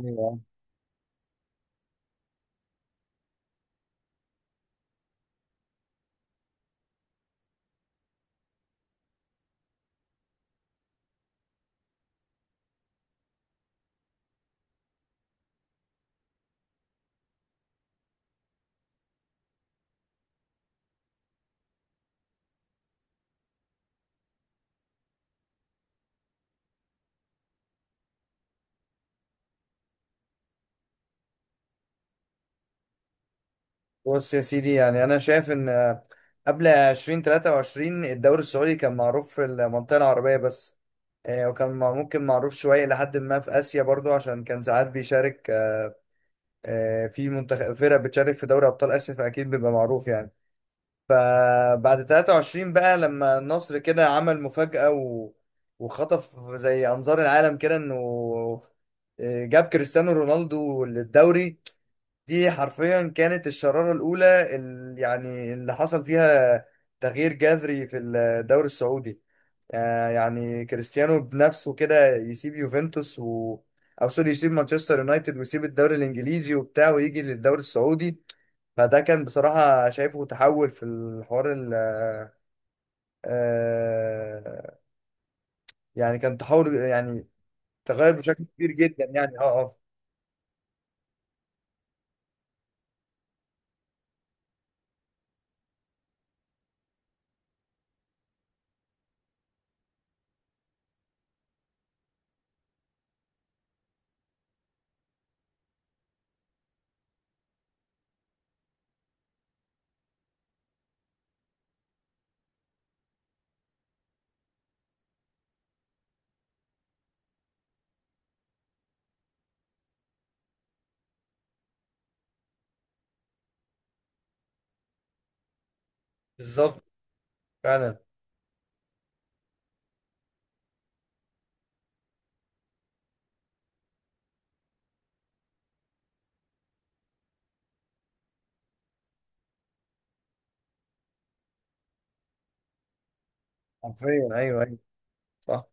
ايوه. بص يا سيدي، يعني انا شايف ان قبل 2023 الدوري السعودي كان معروف في المنطقه العربيه بس. وكان ممكن معروف شويه لحد ما في اسيا برضو، عشان كان ساعات بيشارك في منتخب فرق بتشارك في دوري ابطال اسيا، فاكيد بيبقى معروف يعني. فبعد 23 بقى لما النصر كده عمل مفاجاه وخطف زي انظار العالم كده، انه جاب كريستيانو رونالدو للدوري. دي حرفيا كانت الشرارة الأولى يعني اللي حصل فيها تغيير جذري في الدوري السعودي. يعني كريستيانو بنفسه كده يسيب يوفنتوس أو سوري، يسيب مانشستر يونايتد ويسيب الدوري الإنجليزي وبتاع، ويجي للدوري السعودي. فده كان بصراحة شايفه تحول في الحوار ال آه، يعني كان تحول، يعني تغير بشكل كبير جدا يعني اه. بالظبط. فعلا. حرفيا ايوه ايوه. صح.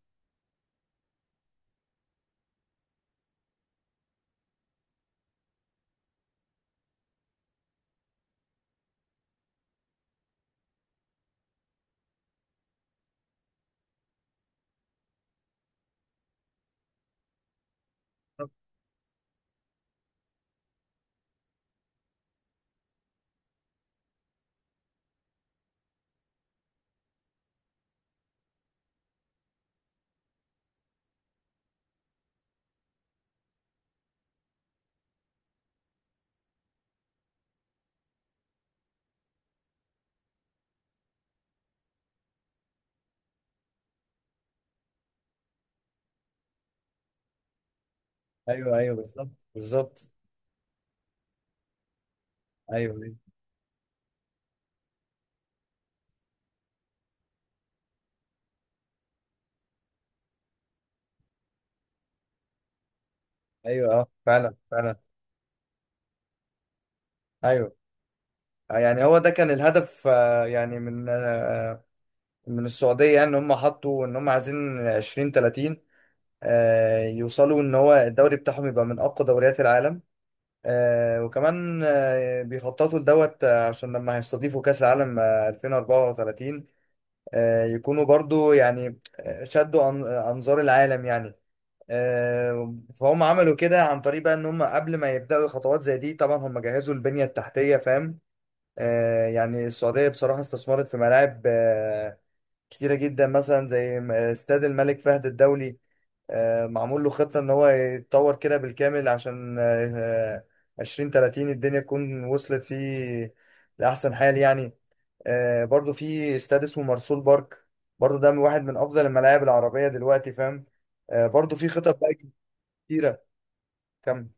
ايوه ايوه بالظبط بالظبط. ايوه ايوه. ايوه اه فعلا فعلا. ايوه. يعني هو ده كان الهدف، يعني من من السعوديه، يعني ان هم حطوا ان هم عايزين 20 30. يوصلوا ان هو الدوري بتاعهم يبقى من اقوى دوريات العالم. وكمان بيخططوا لدوت عشان لما هيستضيفوا كاس العالم 2034، يكونوا برضو يعني انظار العالم يعني. فهم عملوا كده عن طريق بقى ان هم قبل ما يبداوا خطوات زي دي، طبعا هم جهزوا البنيه التحتيه، فاهم؟ يعني السعوديه بصراحه استثمرت في ملاعب كتيره جدا، مثلا زي استاد الملك فهد الدولي. معمول له خطه ان هو يتطور كده بالكامل، عشان 2030 الدنيا تكون وصلت فيه لاحسن حال يعني. برضو في استاد اسمه مرسول بارك، برضو ده من واحد من افضل الملاعب العربيه دلوقتي، فاهم؟ برضو في خطط بقى كتيره. كم؟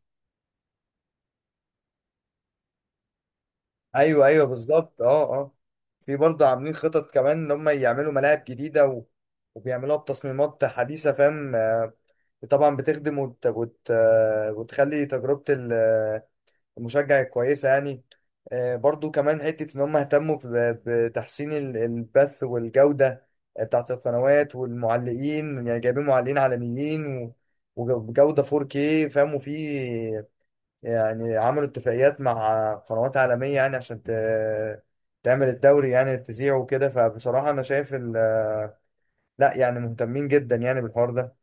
ايوه ايوه بالظبط اه اه. في برضه عاملين خطط كمان ان هم يعملوا ملاعب جديده وبيعملوها بتصميمات حديثه، فاهم؟ طبعا بتخدم وت... وت... آه، وتخلي تجربه المشجع كويسه يعني. برضه كمان حته ان هم اهتموا بتحسين البث والجوده بتاعت القنوات والمعلقين، يعني جايبين معلقين عالميين وجوده 4K، فاهم؟ وفي يعني عملوا اتفاقيات مع قنوات عالمية، يعني عشان تعمل الدوري يعني تذيعه وكده. فبصراحة أنا شايف لا، يعني مهتمين جدا يعني بالحوار ده.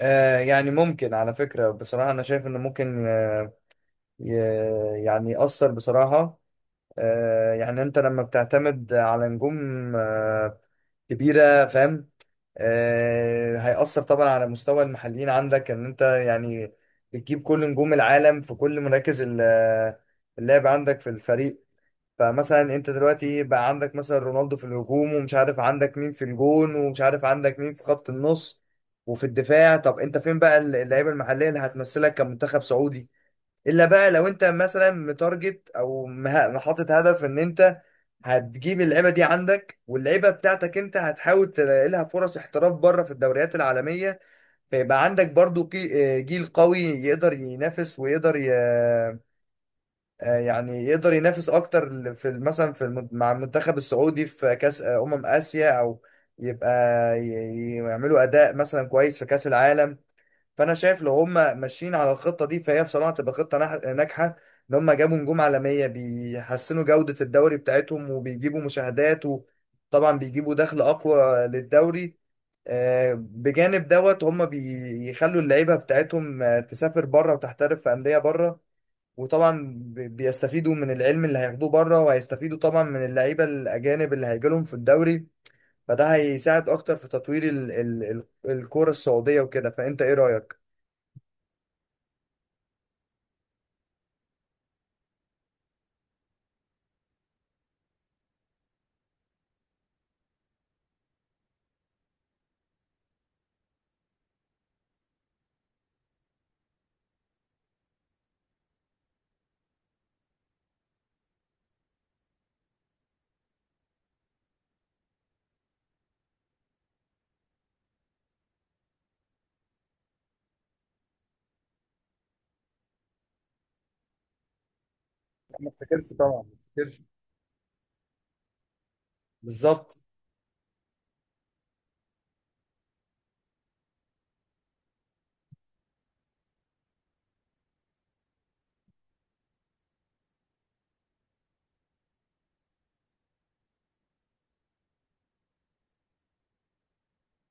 آه يعني ممكن على فكرة، بصراحة أنا شايف إنه ممكن ي... يعني يأثر بصراحة. آه يعني أنت لما بتعتمد على نجوم آه كبيرة، فاهم؟ هيأثر طبعا على مستوى المحليين عندك، ان انت يعني بتجيب كل نجوم العالم في كل مراكز اللعب عندك في الفريق. فمثلا انت دلوقتي بقى عندك مثلا رونالدو في الهجوم، ومش عارف عندك مين في الجون، ومش عارف عندك مين في خط النص وفي الدفاع. طب انت فين بقى اللعيبه المحليه اللي هتمثلك كمنتخب سعودي؟ الا بقى لو انت مثلا متارجت او حاطط هدف ان انت هتجيب اللعيبه دي عندك، واللعيبه بتاعتك انت هتحاول تلاقي لها فرص احتراف بره في الدوريات العالميه، فيبقى عندك برضو جيل قوي يقدر ينافس ويقدر ي... آه، يعني يقدر ينافس اكتر في مثلا في مع المنتخب السعودي في كاس اسيا، او يبقى يعملوا اداء مثلا كويس في كاس العالم. فانا شايف لو هم ماشيين على الخطه دي، فهي بصراحه تبقى خطه ناجحه، ان هم جابوا نجوم عالميه بيحسنوا جوده الدوري بتاعتهم وبيجيبوا مشاهدات، وطبعا بيجيبوا دخل اقوى للدوري. بجانب دوت هم بيخلوا اللعيبه بتاعتهم تسافر بره وتحترف في انديه بره، وطبعا بيستفيدوا من العلم اللي هياخدوه بره، وهيستفيدوا طبعا من اللعيبه الاجانب اللي هيجيلهم في الدوري. فده هيساعد اكتر في تطوير الكوره السعوديه وكده. فانت ايه رايك؟ ما افتكرش طبعا ما افتكرش. بالظبط.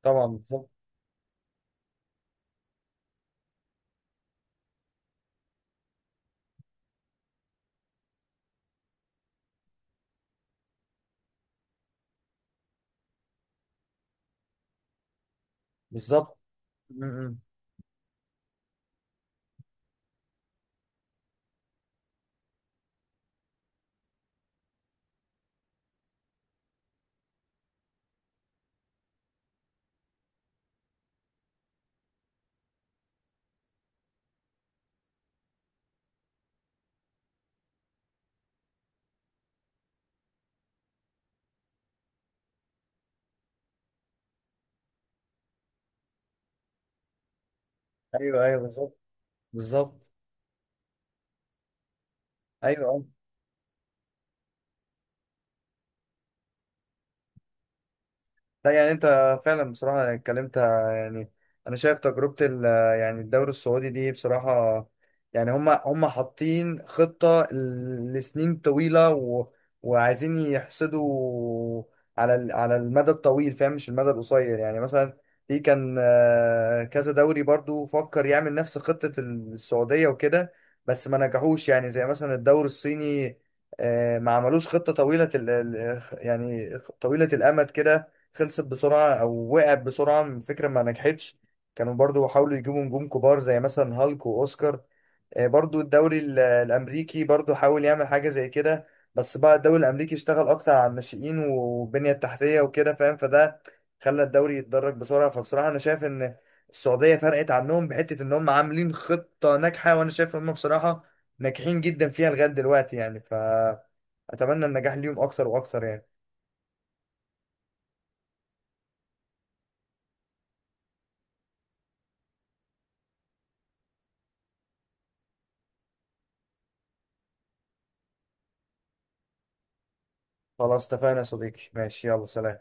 طبعا بالظبط بالظبط. م- م. ايوه ايوه بالظبط بالظبط. ايوه أيوه. لا، يعني انت فعلا بصراحة يعني اتكلمت يعني. انا شايف تجربة يعني الدوري السعودي دي بصراحة، يعني هما حاطين خطة لسنين طويلة وعايزين يحصدوا على على المدى الطويل، فاهم؟ مش المدى القصير يعني. مثلا في كان كذا دوري برضو فكر يعمل نفس خطة السعودية وكده، بس ما نجحوش يعني، زي مثلا الدوري الصيني. ما عملوش خطة طويلة يعني طويلة الأمد كده، خلصت بسرعة أو وقعت بسرعة من فكرة ما نجحتش. كانوا برضو حاولوا يجيبوا نجوم كبار زي مثلا هالك وأوسكار. برضو الدوري الأمريكي برضو حاول يعمل حاجة زي كده، بس بقى الدوري الأمريكي اشتغل أكتر على الناشئين والبنية التحتية وكده، فاهم؟ فده خلى الدوري يتدرج بسرعة. فبصراحة أنا شايف إن السعودية فرقت عنهم بحتة إن هم عاملين خطة ناجحة، وأنا شايف إن هم بصراحة ناجحين جدا فيها لغاية دلوقتي يعني. فأتمنى النجاح ليهم أكتر وأكتر يعني. خلاص اتفقنا يا صديقي، ماشي، يلا سلام.